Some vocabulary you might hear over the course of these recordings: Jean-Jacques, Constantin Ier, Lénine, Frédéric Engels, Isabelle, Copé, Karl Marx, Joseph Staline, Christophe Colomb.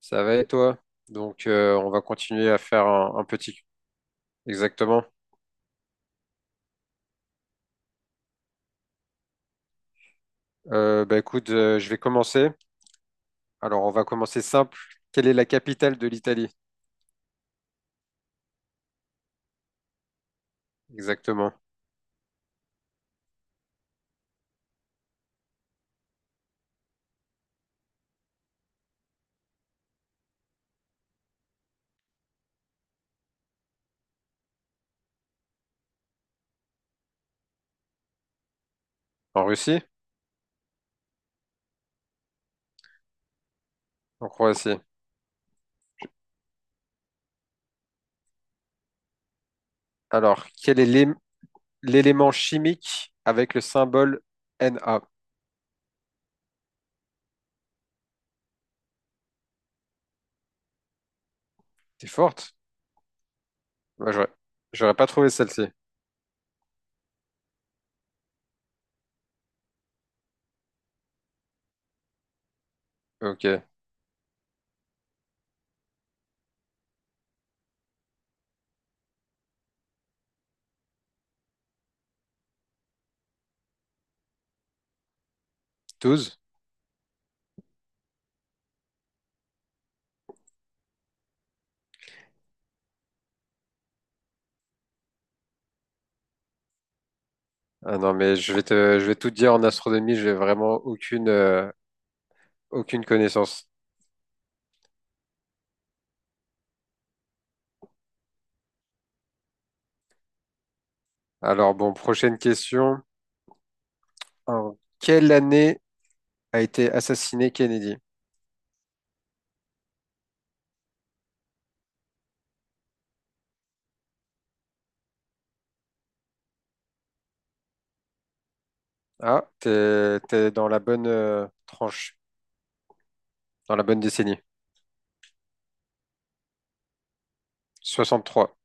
Ça va et toi? Donc, on va continuer à faire un petit. Exactement. Bah écoute, je vais commencer. Alors, on va commencer simple. Quelle est la capitale de l'Italie? Exactement. En Russie? En Croatie. Alors, quel est l'élément chimique avec le symbole Na? T'es forte? Moi, j'aurais, j'aurais pas trouvé celle-ci. Ok. Douze. Ah non, mais je vais tout te dire en astronomie, j'ai vraiment aucune, aucune connaissance. Alors, bon, prochaine question. En quelle année a été assassiné Kennedy. Ah, t'es dans la bonne tranche, dans la bonne décennie. 63.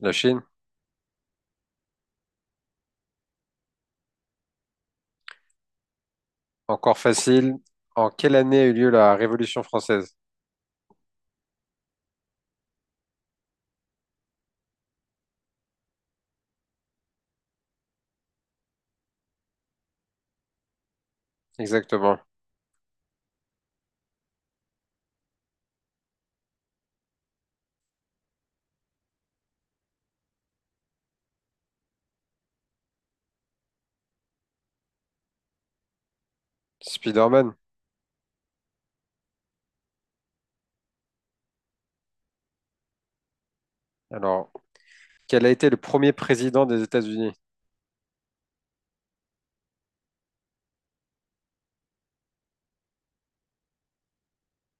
La Chine, encore facile. En quelle année a eu lieu la Révolution française? Exactement. Spider-Man. Alors, quel a été le premier président des États-Unis?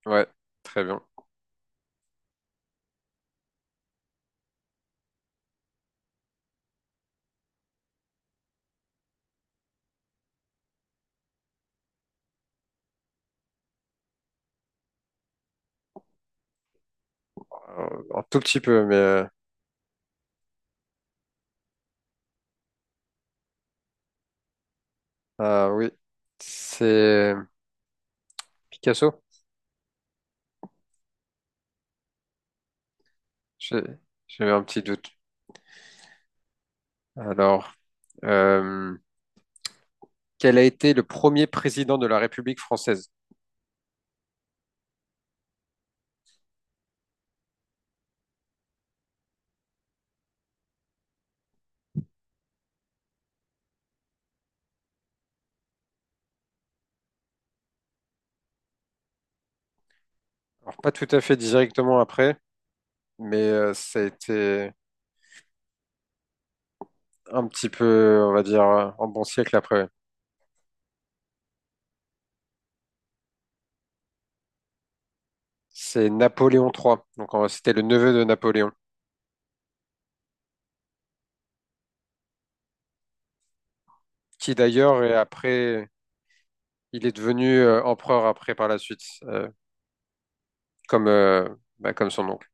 Ouais, très bien. Euh, Un tout petit peu, mais ah oui, c'est Picasso. J'ai j'ai eu un petit doute. Alors, euh, quel a été le premier président de la République française? Alors, pas tout à fait directement après, mais ça a été un petit peu, on va dire, un bon siècle après, ouais. C'est Napoléon III, donc c'était le neveu de Napoléon, qui d'ailleurs, est après, il est devenu empereur après par la suite, comme, bah, comme son oncle.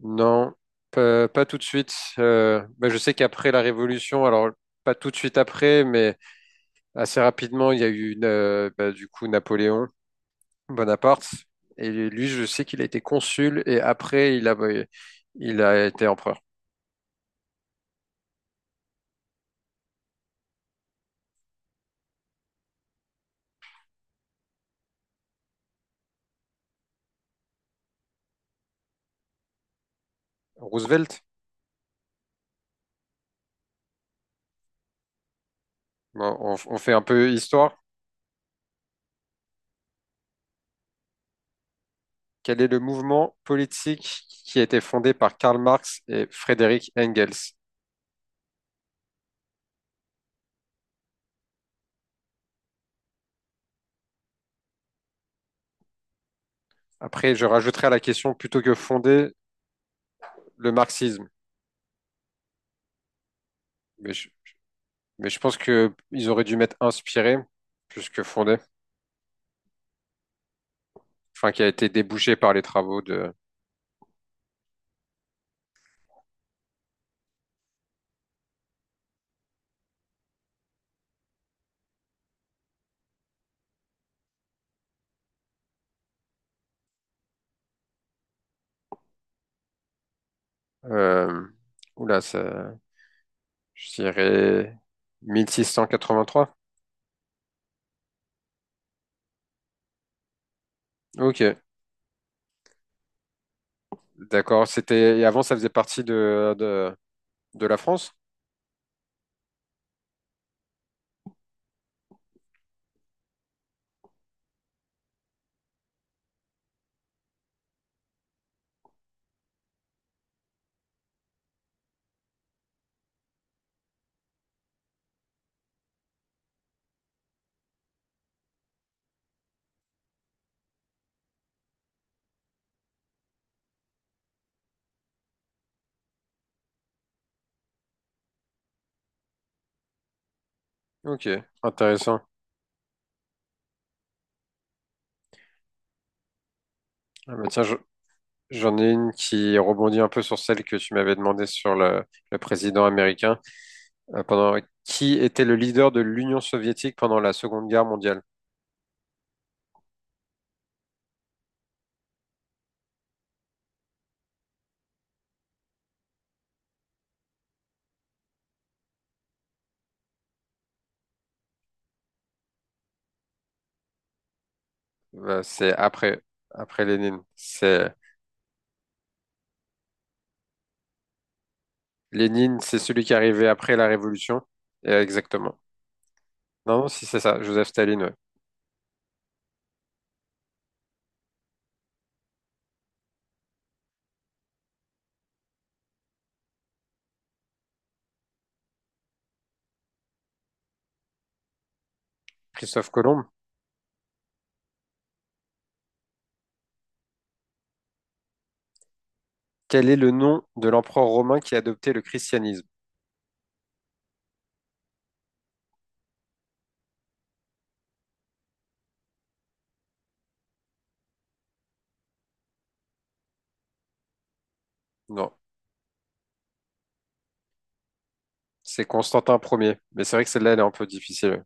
Non, pas tout de suite. Je sais qu'après la Révolution, alors pas tout de suite après, mais assez rapidement, il y a eu du coup Napoléon. Bonaparte. Et lui, je sais qu'il a été consul et après, il a été empereur. Roosevelt. Bon, on fait un peu histoire. Quel est le mouvement politique qui a été fondé par Karl Marx et Frédéric Engels? Après, je rajouterai à la question plutôt que fondé le marxisme. Mais je, mais je pense que ils auraient dû mettre inspiré plus que fondé. Enfin, qui a été débouché par les travaux de... Euh, oula, ça, je dirais 1683. Ok. D'accord. C'était, et avant, ça faisait partie de la France? Ok, intéressant. Ah bah tiens, je- j'en ai une qui rebondit un peu sur celle que tu m'avais demandé sur le président américain. Pendant... Qui était le leader de l'Union soviétique pendant la Seconde Guerre mondiale? C'est après, après Lénine. C'est Lénine, c'est celui qui est arrivé après la Révolution. Et exactement. Non, si c'est ça, Joseph Staline, ouais. Christophe Colomb. Quel est le nom de l'empereur romain qui a adopté le christianisme? Non, c'est Constantin Ier. Mais c'est vrai que celle-là, elle est un peu difficile.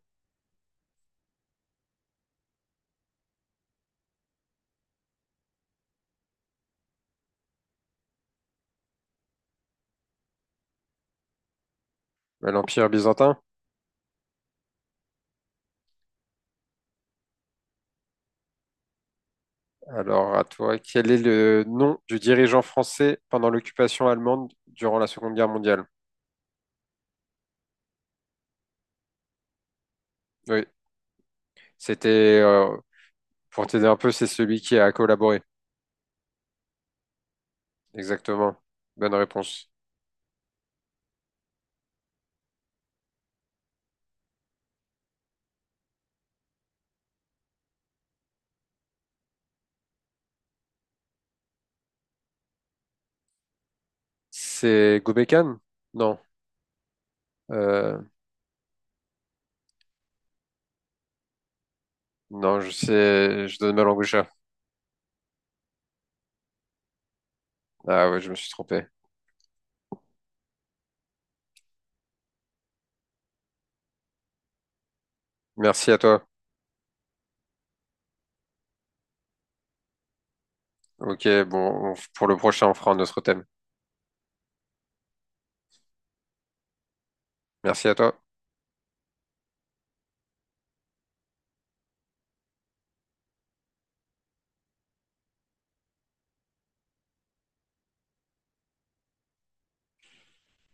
Ouais, l'Empire byzantin? Alors, à toi, quel est le nom du dirigeant français pendant l'occupation allemande durant la Seconde Guerre mondiale? Oui, c'était, pour t'aider un peu, c'est celui qui a collaboré. Exactement. Bonne réponse. C'est Gobekhan? Non. Euh, non, je sais, je donne ma langue au chat. Ah ouais, je me suis trompé. Merci à toi. Ok, bon, pour le prochain, on fera un autre thème. Merci à toi.